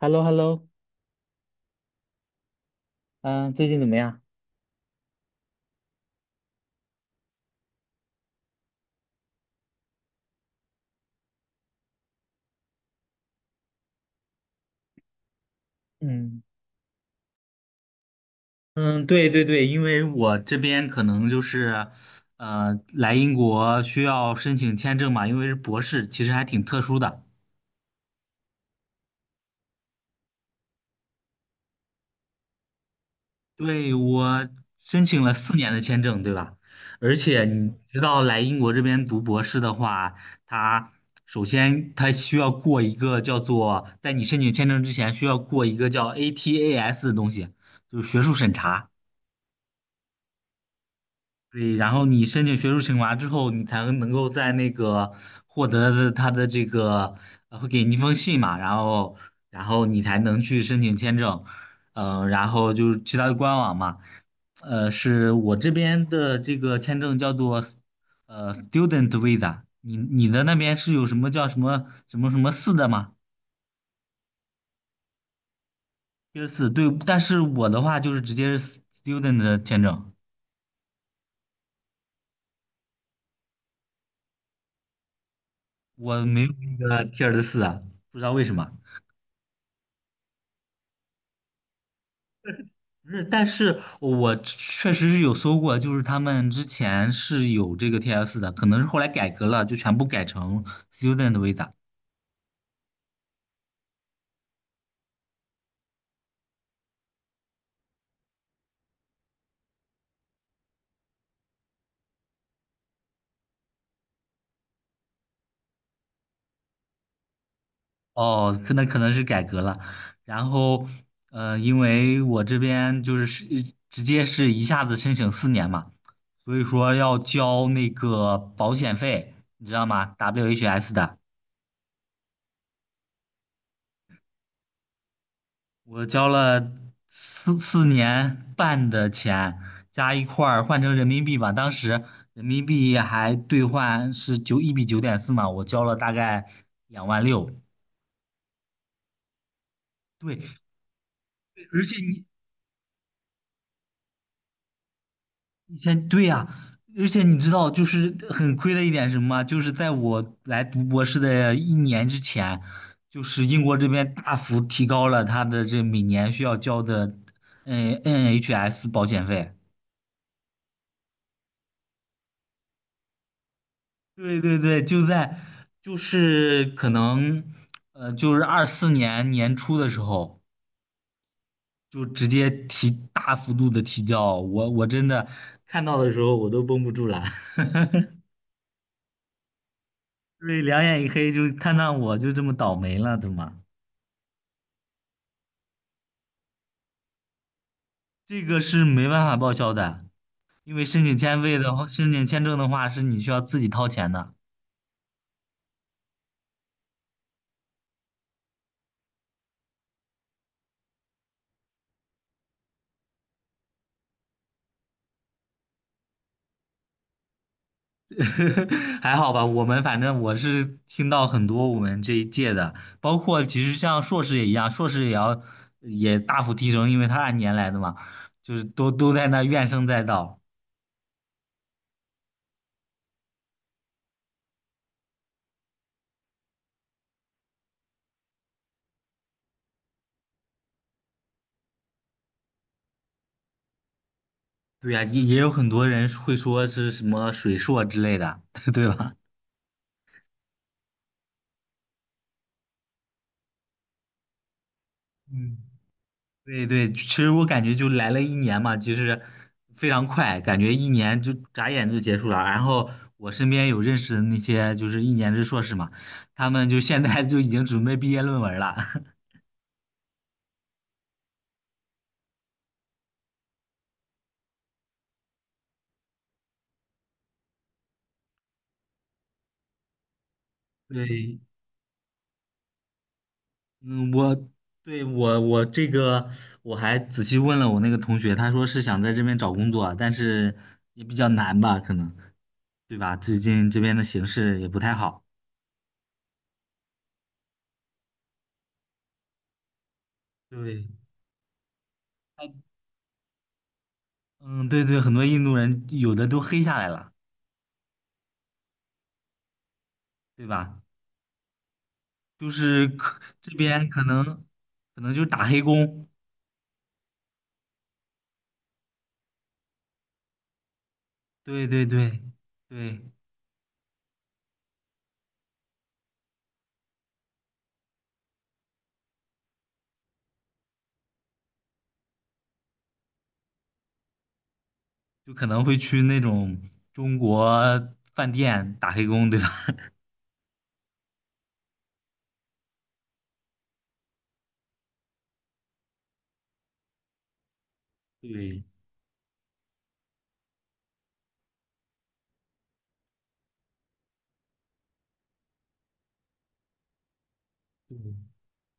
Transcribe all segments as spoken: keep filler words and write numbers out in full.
h e l l o h e l l o 嗯，最近怎么样？嗯，嗯，对对对，因为我这边可能就是，呃，来英国需要申请签证嘛，因为是博士，其实还挺特殊的。对，我申请了四年的签证，对吧？而且你知道，来英国这边读博士的话，它首先它需要过一个叫做，在你申请签证之前需要过一个叫 A T A S 的东西，就是学术审查。对，然后你申请学术惩罚之后，你才能够在那个获得的他的这个，呃会给你一封信嘛，然后然后你才能去申请签证，呃，然后就是其他的官网嘛，呃，是我这边的这个签证叫做 s- 呃 student visa，你你的那边是有什么叫什么什么什么四的吗？第四，对，但是我的话就是直接是 student 的签证，我没有那个 t i e 四啊，不知道为什么。不是，但是我确实是有搜过，就是他们之前是有这个 T S 的，可能是后来改革了，就全部改成 Student Visa。哦，可能可能是改革了。然后，呃，因为我这边就是是直接是一下子申请四年嘛，所以说要交那个保险费，你知道吗？W H S 的。我交了四四年半的钱，加一块儿换成人民币吧。当时人民币还兑换是九一比九点四嘛，我交了大概两万六。对，而且你以前对呀。而且你知道就是很亏的一点是什么吗？就是在我来读博士的一年之前，就是英国这边大幅提高了他的这每年需要交的嗯 N H S 保险费。对对对，就在就是可能呃，就是二四年年初的时候，就直接提大幅度的提交，我我真的看到的时候我都绷不住了，对，两眼一黑，就看到我就这么倒霉了的嘛。这个是没办法报销的，因为申请签费的话申请签证的话是你需要自己掏钱的。还好吧，我们反正我是听到很多我们这一届的，包括其实像硕士也一样，硕士也要也大幅提升，因为他按年来的嘛，就是都都在那怨声载道。对呀。也也有很多人会说是什么水硕之类的，对吧？嗯。对对，其实我感觉就来了一年嘛，其实非常快，感觉一年就眨眼就结束了。然后我身边有认识的那些就是一年制硕士嘛，他们就现在就已经准备毕业论文了。对。嗯，我对我我这个我还仔细问了我那个同学，他说是想在这边找工作，但是也比较难吧，可能，对吧？最近这边的形势也不太好。对。他嗯，对对，很多印度人有的都黑下来了，对吧？就是可这边可能可能就是打黑工。对对对对，就可能会去那种中国饭店打黑工，对吧？对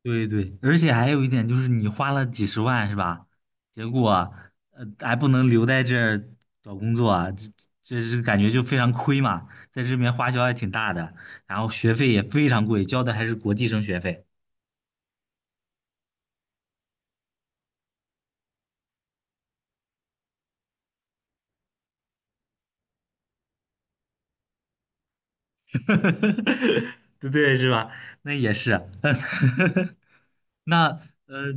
对对对，而且还有一点就是你花了几十万是吧？结果呃还不能留在这儿找工作啊，这这是感觉就非常亏嘛，在这边花销还挺大的，然后学费也非常贵，交的还是国际生学费。对对是吧？那也是啊，那呃，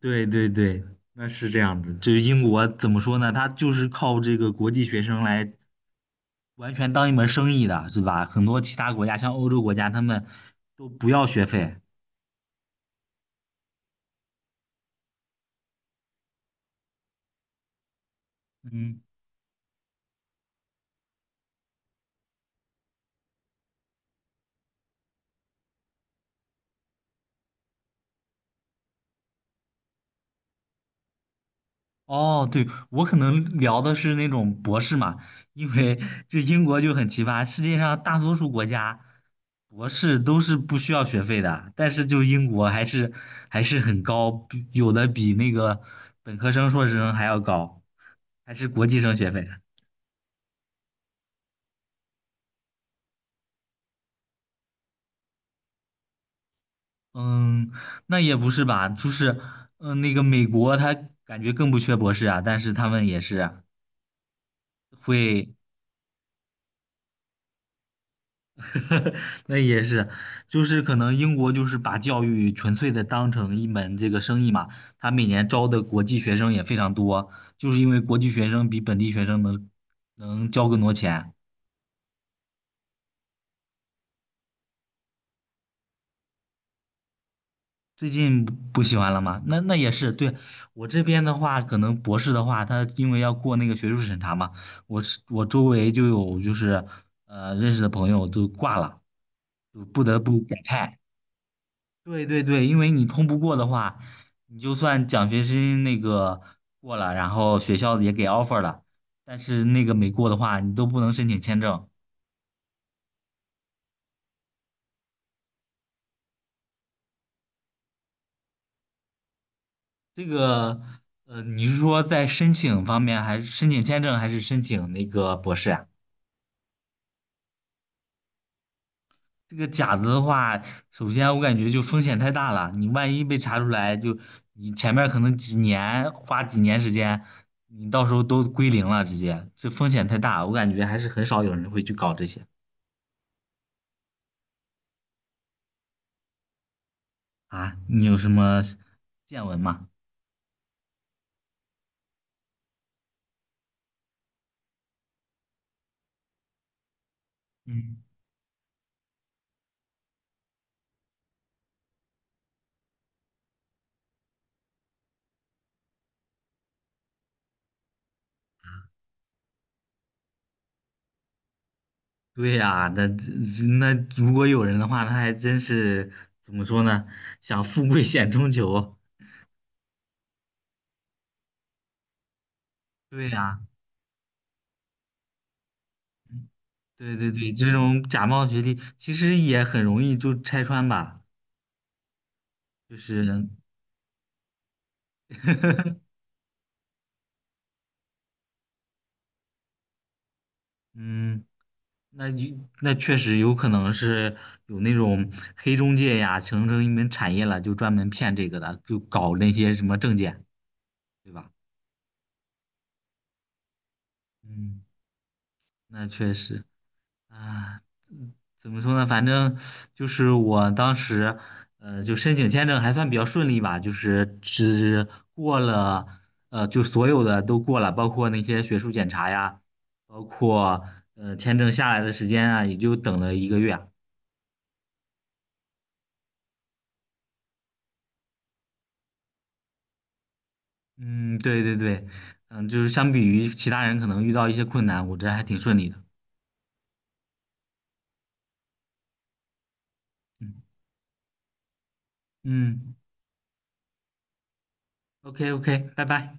对对对，那是这样子。就是英国怎么说呢？它就是靠这个国际学生来完全当一门生意的，是吧？很多其他国家，像欧洲国家，他们都不要学费。嗯，哦，对，我可能聊的是那种博士嘛，因为就英国就很奇葩，世界上大多数国家博士都是不需要学费的，但是就英国还是还是很高，比有的比那个本科生、硕士生还要高，还是国际生学费。嗯，那也不是吧，就是嗯，那个美国他感觉更不缺博士啊，但是他们也是会。 那也是，就是可能英国就是把教育纯粹的当成一门这个生意嘛，他每年招的国际学生也非常多，就是因为国际学生比本地学生能能交更多钱。最近不不喜欢了吗？那那也是。对，我这边的话，可能博士的话，他因为要过那个学术审查嘛，我是我周围就有就是呃认识的朋友都挂了，就不得不改派。对对对，因为你通不过的话，你就算奖学金那个过了，然后学校也给 offer 了，但是那个没过的话，你都不能申请签证。这个，呃，你是说在申请方面，还是申请签证，还是申请那个博士呀？这个假的的话，首先我感觉就风险太大了，你万一被查出来，就你前面可能几年花几年时间，你到时候都归零了，直接，这风险太大，我感觉还是很少有人会去搞这些。啊，你有什么见闻吗？嗯，对呀。那这那如果有人的话，他还真是怎么说呢？想富贵险中求。对呀，对对对，这种假冒学历其实也很容易就拆穿吧，就是，嗯，那就那确实有可能是有那种黑中介呀，形成一门产业了，就专门骗这个的，就搞那些什么证件，对吧？嗯，那确实。啊，嗯怎么说呢？反正就是我当时，呃，就申请签证还算比较顺利吧，就是只过了，呃，就所有的都过了，包括那些学术检查呀，包括呃签证下来的时间啊，也就等了一个月啊。嗯，对对对，嗯，就是相比于其他人可能遇到一些困难，我这还挺顺利的。嗯嗯，OK OK，拜拜。